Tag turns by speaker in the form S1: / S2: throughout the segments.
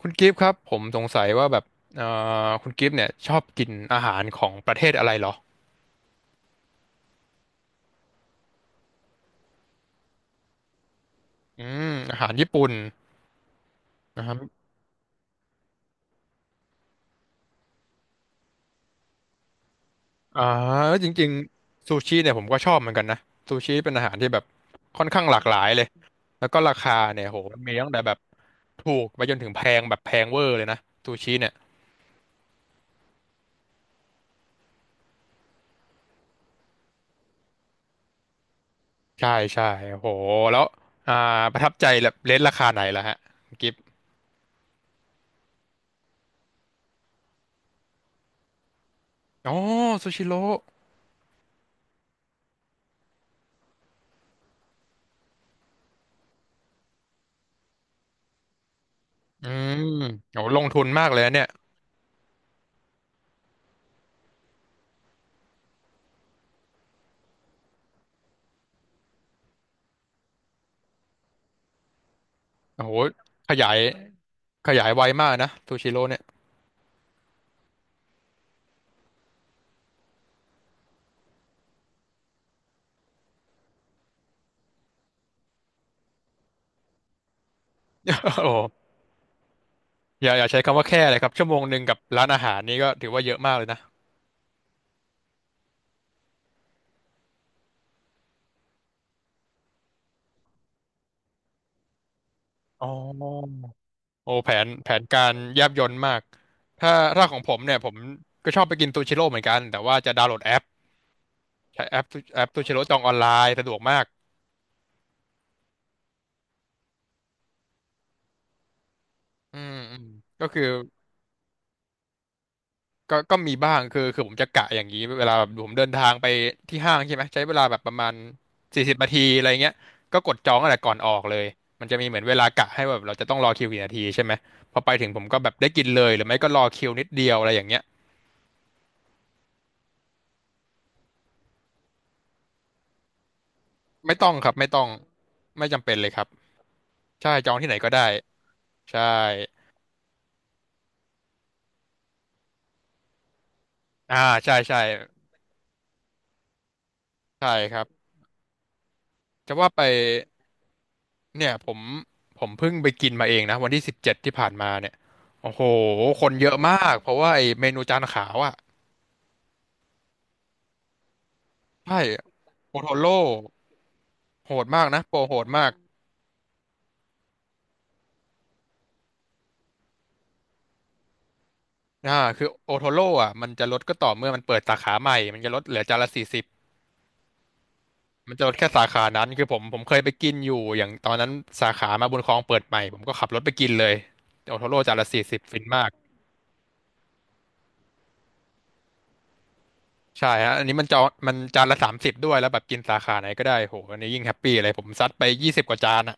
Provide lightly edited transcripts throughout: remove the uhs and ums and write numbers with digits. S1: คุณกิฟต์ครับผมสงสัยว่าแบบเอ่คุณกิฟต์เนี่ยชอบกินอาหารของประเทศอะไรเหรออืมอาหารญี่ปุ่นนะครับอ่าจริงๆซูชิเนี่ยผมก็ชอบเหมือนกันนะซูชิเป็นอาหารที่แบบค่อนข้างหลากหลายเลยแล้วก็ราคาเนี่ยโหมีตั้งแต่แบบถูกไปจนถึงแพงแบบแพงเวอร์เลยนะซูชิเนี่ยใช่ใช่โหแล้วอ่าประทับใจแบบเลทราคาไหนล่ะฮะคุณกิฟต์อ๋อซูชิโร่อืมโหลงทุนมากเลยนะเนี่ย โอ้โหขยายขยายไวมากนะซูชิโร่เนี่ย โอ้โหอย่าอย่าใช้คำว่าแค่เลยครับ ชั่วโมงหนึ่งกับร้านอาหารนี่ก็ถือว่าเยอะมากเลยนะอ๋อโอ้แผนแผนการแยบยลมาก ถ้าถ้าของผมเนี่ยผมก็ชอบไปกินซูชิโร่เหมือนกัน แต่ว่าจะดาวน์โหลดแอปใช้แอปแอปซูชิโร่จองออนไลน์สะดวกมากอืมอืมก็คือ ก็มีบ้างคือผมจะกะอย่างนี้เวลาแบบผมเดินทางไปที่ห้างใช่ไหมใช้เวลาแบบประมาณสี่สิบนาทีอะไรเงี้ยก็กดจองตั้งแต่ก่อนออกเลยมันจะมีเหมือนเวลากะให้แบบเราจะต้องรอคิวกี่นาทีใช่ไหมพอไปถึงผมก็แบบได้กินเลยหรือไม่ก็รอคิวนิดเดียวอะไรอย่างเงี้ยไม่ต้องครับไม่ต้องไม่จำเป็นเลยครับใช่จองที่ไหนก็ได้ใช่อ่าใช่ใช่ใช่ครับจะว่าไป เนี่ยผมเพิ่งไปกินมาเองนะวันที่17ที่ผ่านมาเนี่ยโอ้โหคนเยอะมากเพราะว่าไอเมนูจานขาวอ่ะใช่โอโทโร่โหดมากนะโปรโหดมากคือโอโทโร่อ่ะมันจะลดก็ต่อเมื่อมันเปิดสาขาใหม่มันจะลดเหลือจานละสี่สิบมันจะลดแค่สาขานั้นคือผมเคยไปกินอยู่อย่างตอนนั้นสาขามาบุญครองเปิดใหม่ผมก็ขับรถไปกินเลยโอโทโร่จานละสี่สิบฟินมากใช่ฮะอันนี้มันจานละ30ด้วยแล้วแบบกินสาขาไหนก็ได้โหอันนี้ยิ่งแฮปปี้เลยผมซัดไป20กว่าจานอ่ะ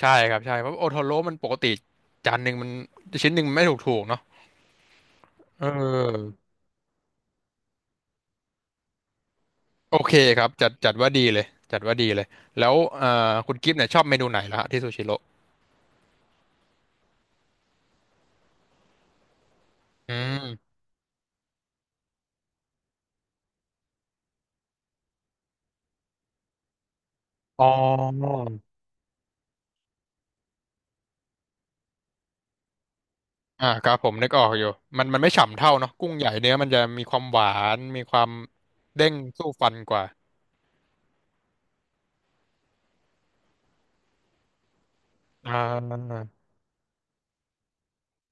S1: ใช่ครับใช่เพราะโอโทโร่มันปกติจานหนึ่งมันชิ้นหนึ่งมันไม่ถูกเนาะเออโอเคครับจัดจัดว่าดีเลยจัดว่าดีเลยแล้วคุณกิฟต์เนี่ยชอบเมนูไหนล่ะฮะที่ซูชิโร่อืมอ๋ออ่าครับผมนึกออกอยู่มันไม่ฉ่ำเท่าเนาะกุ้งใหญ่เนื้อมันจะมีความหวานมีความเด้งสู้ฟันกว่าอ่า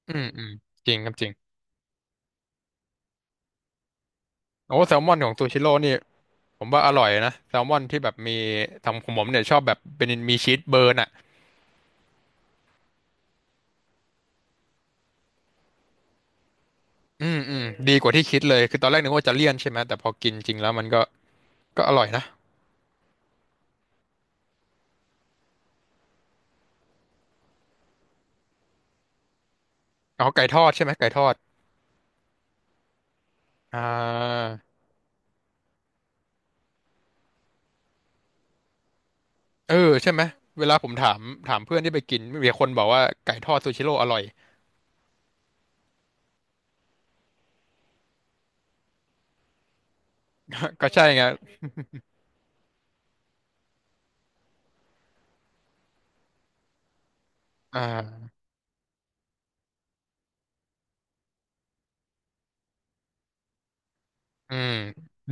S1: อืมอืมจริงครับจริงโอ้แซลมอนของซูชิโร่นี่ผมว่าอร่อยนะแซลมอนที่แบบมีทำของผมเนี่ยชอบแบบเป็นมีชีสเบิร์นอ่ะ อืมอืมดีกว่าที่คิดเลยคือตอนแรกนึกว่าจะเลี่ยนใช่ไหมแต่พอกินจริงแล้วมันก็อร่อยนะเอาไก่ทอดใช่ไหมไก่ทอดอ่าเออใช่ไหมเวลาผมถามเพื่อนที่ไปกินมีคนบอกว่าไก่ทอดซูชิโร่อร่อย ก็ใช่ไงอ่าอืม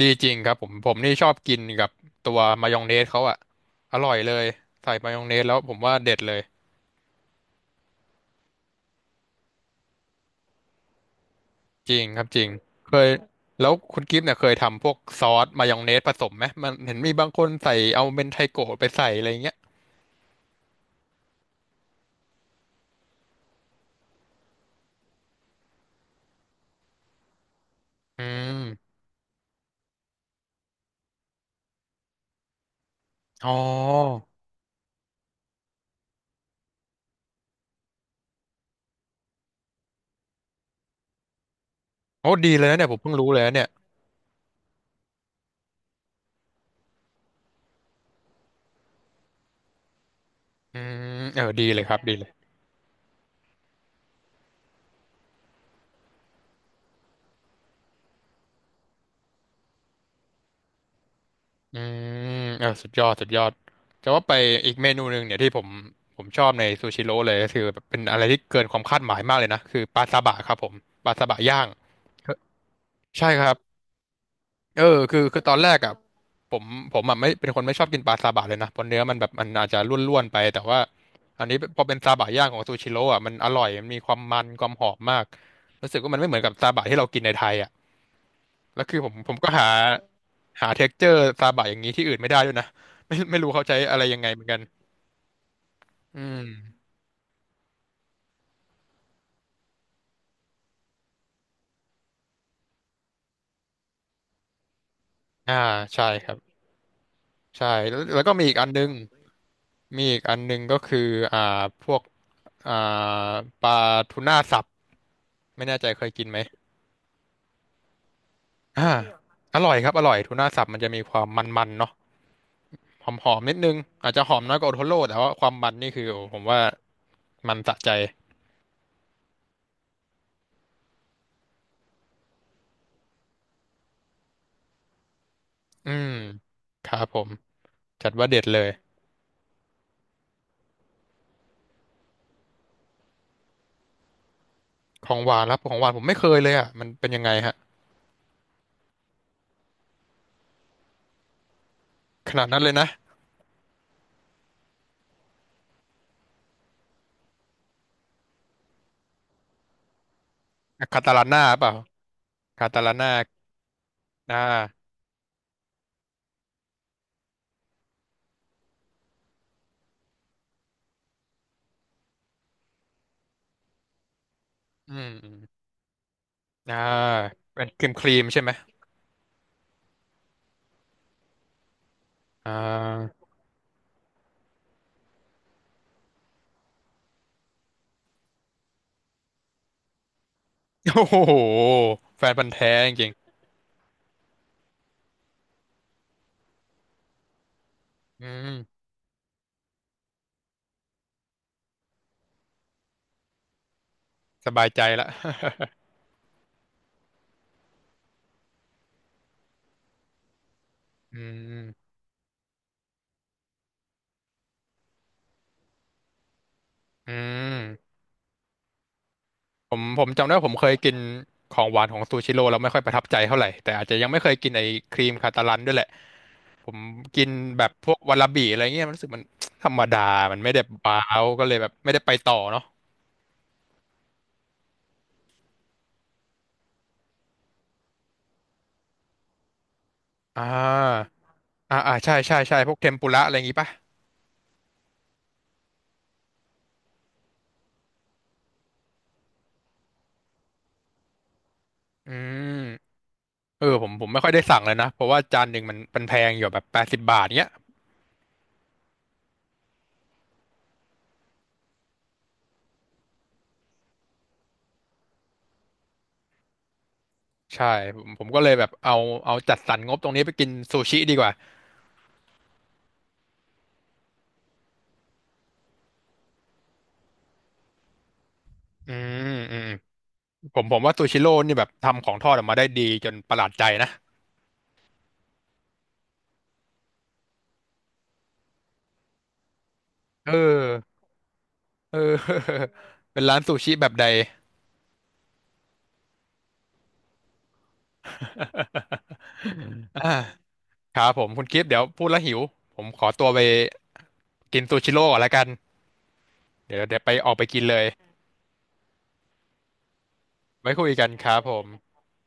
S1: ดีจริงครับผมนี่ชอบกินกับตัวมายองเนสเขาอะอร่อยเลยใส่มายองเนสแล้วผมว่าเด็ดเลยจริงครับจริงเคยแล้วคุณกิฟต์เนี่ยเคยทำพวกซอสมายองเนสผสมไหมมันเห็นมีบางคนใส่เอาเมนไทโกะไปใส่อะไรอย่างเงี้ย อืมอ๋อโอ้ดีเลยนะเนี่ยผมเพิ่งรู้เลยนะเนี่ยอืมเออดีเลยครับดีเลยอืมเออสุดยอดสุดยอดจะว่าไปอีกเมนูหนึ่งเนี่ยที่ผมชอบในซูชิโร่เลยก็คือแบบเป็นอะไรที่เกินความคาดหมายมากเลยนะคือปลาซาบะครับผมปลาซาบะย่าง ใช่ครับ เออคือตอนแรกอ่ะผมอ่ะไม่เป็นคนไม่ชอบกินปลาซาบะเลยนะเพราะเนื้อมันแบบมันอาจจะร่วนๆไปแต่ว่าอันนี้พอเป็นซาบะย่างของซูชิโร่อ่ะมันอร่อยมันมีความมันความหอมมากรู้สึกว่ามันไม่เหมือนกับซาบะที่เรากินในไทยอ่ะแล้วคือผมก็หาเท็กเจอร์ซาบะอย่างนี้ที่อื่นไม่ได้ด้วยนะไม่รู้เขาใช้อะไรยังไงเหมือนกันอืมอ่าใช่ครับ ใช่แล้วแล้วก็มีอีกอันนึงมีอีกอันนึงก็คืออ่าพวกอ่าปลาทูน่าสับไม่แน่ใจเคยกินไหมอ่าอร่อยครับอร่อยทูน่าสับมันจะมีความมันๆเนาะหอมๆนิดนึงอาจจะหอมน้อยกว่าโอโทโร่แต่ว่าความมันนี่คือโอ้ผมว่ามันสะใจอืมครับผมจัดว่าเด็ดเลยของหวานครับของหวานผมไม่เคยเลยอ่ะมันเป็นยังไงฮะขนาดนั้นเลยนะคาตาลาน่าเปล่าคาตาลาน่าอ่าอืม อ่าเป็นครีมใช่ไหมอ่าโอ้โหแฟนพันธุ์แท้จริงๆอืมสบายใจละ อืมอืมผมจำได้ว่าผมเคยกินของหวานของซูชิโร่แล้วไม่ค่อยประทับใจเท่าไหร่แต่อาจจะยังไม่เคยกินไอ้ครีมคาตาลันด้วยแหละผมกินแบบพวกวาลาบิอะไรเงี้ยมันรู้สึกมัน ธรรมดามันไม่ได้ว้าวก็เลยแบบไม่ได้ไปต่อเนาะอ่าอ่าอ่าใช่ใช่ใช่พวกเทมปุระอะไรอย่างงี้ป่ะอืม เออผมไม่ค่อยได้สั่งเลยนะเพราะว่าจานหนึ่งมันแพงอยู่แบบ80บาทเนี้ยใช่ผมก็เลยแบบเอาจัดสรรงบตรงนี้ไปกินซูชิดีกว่าอืมอืมผมว่าซูชิโร่นี่แบบทำของทอดออกมาได้ดีจนประหลาดใจนะเออเออ เป็นร้านซูชิแบบใด อ่าครับผมคุณกิฟต์เดี๋ยวพูดแล้วหิวผมขอตัวไปกินซูชิโร่ก่อนละกันเดี๋ยวไปออกไปกินเลยไว้คุยกันครับผม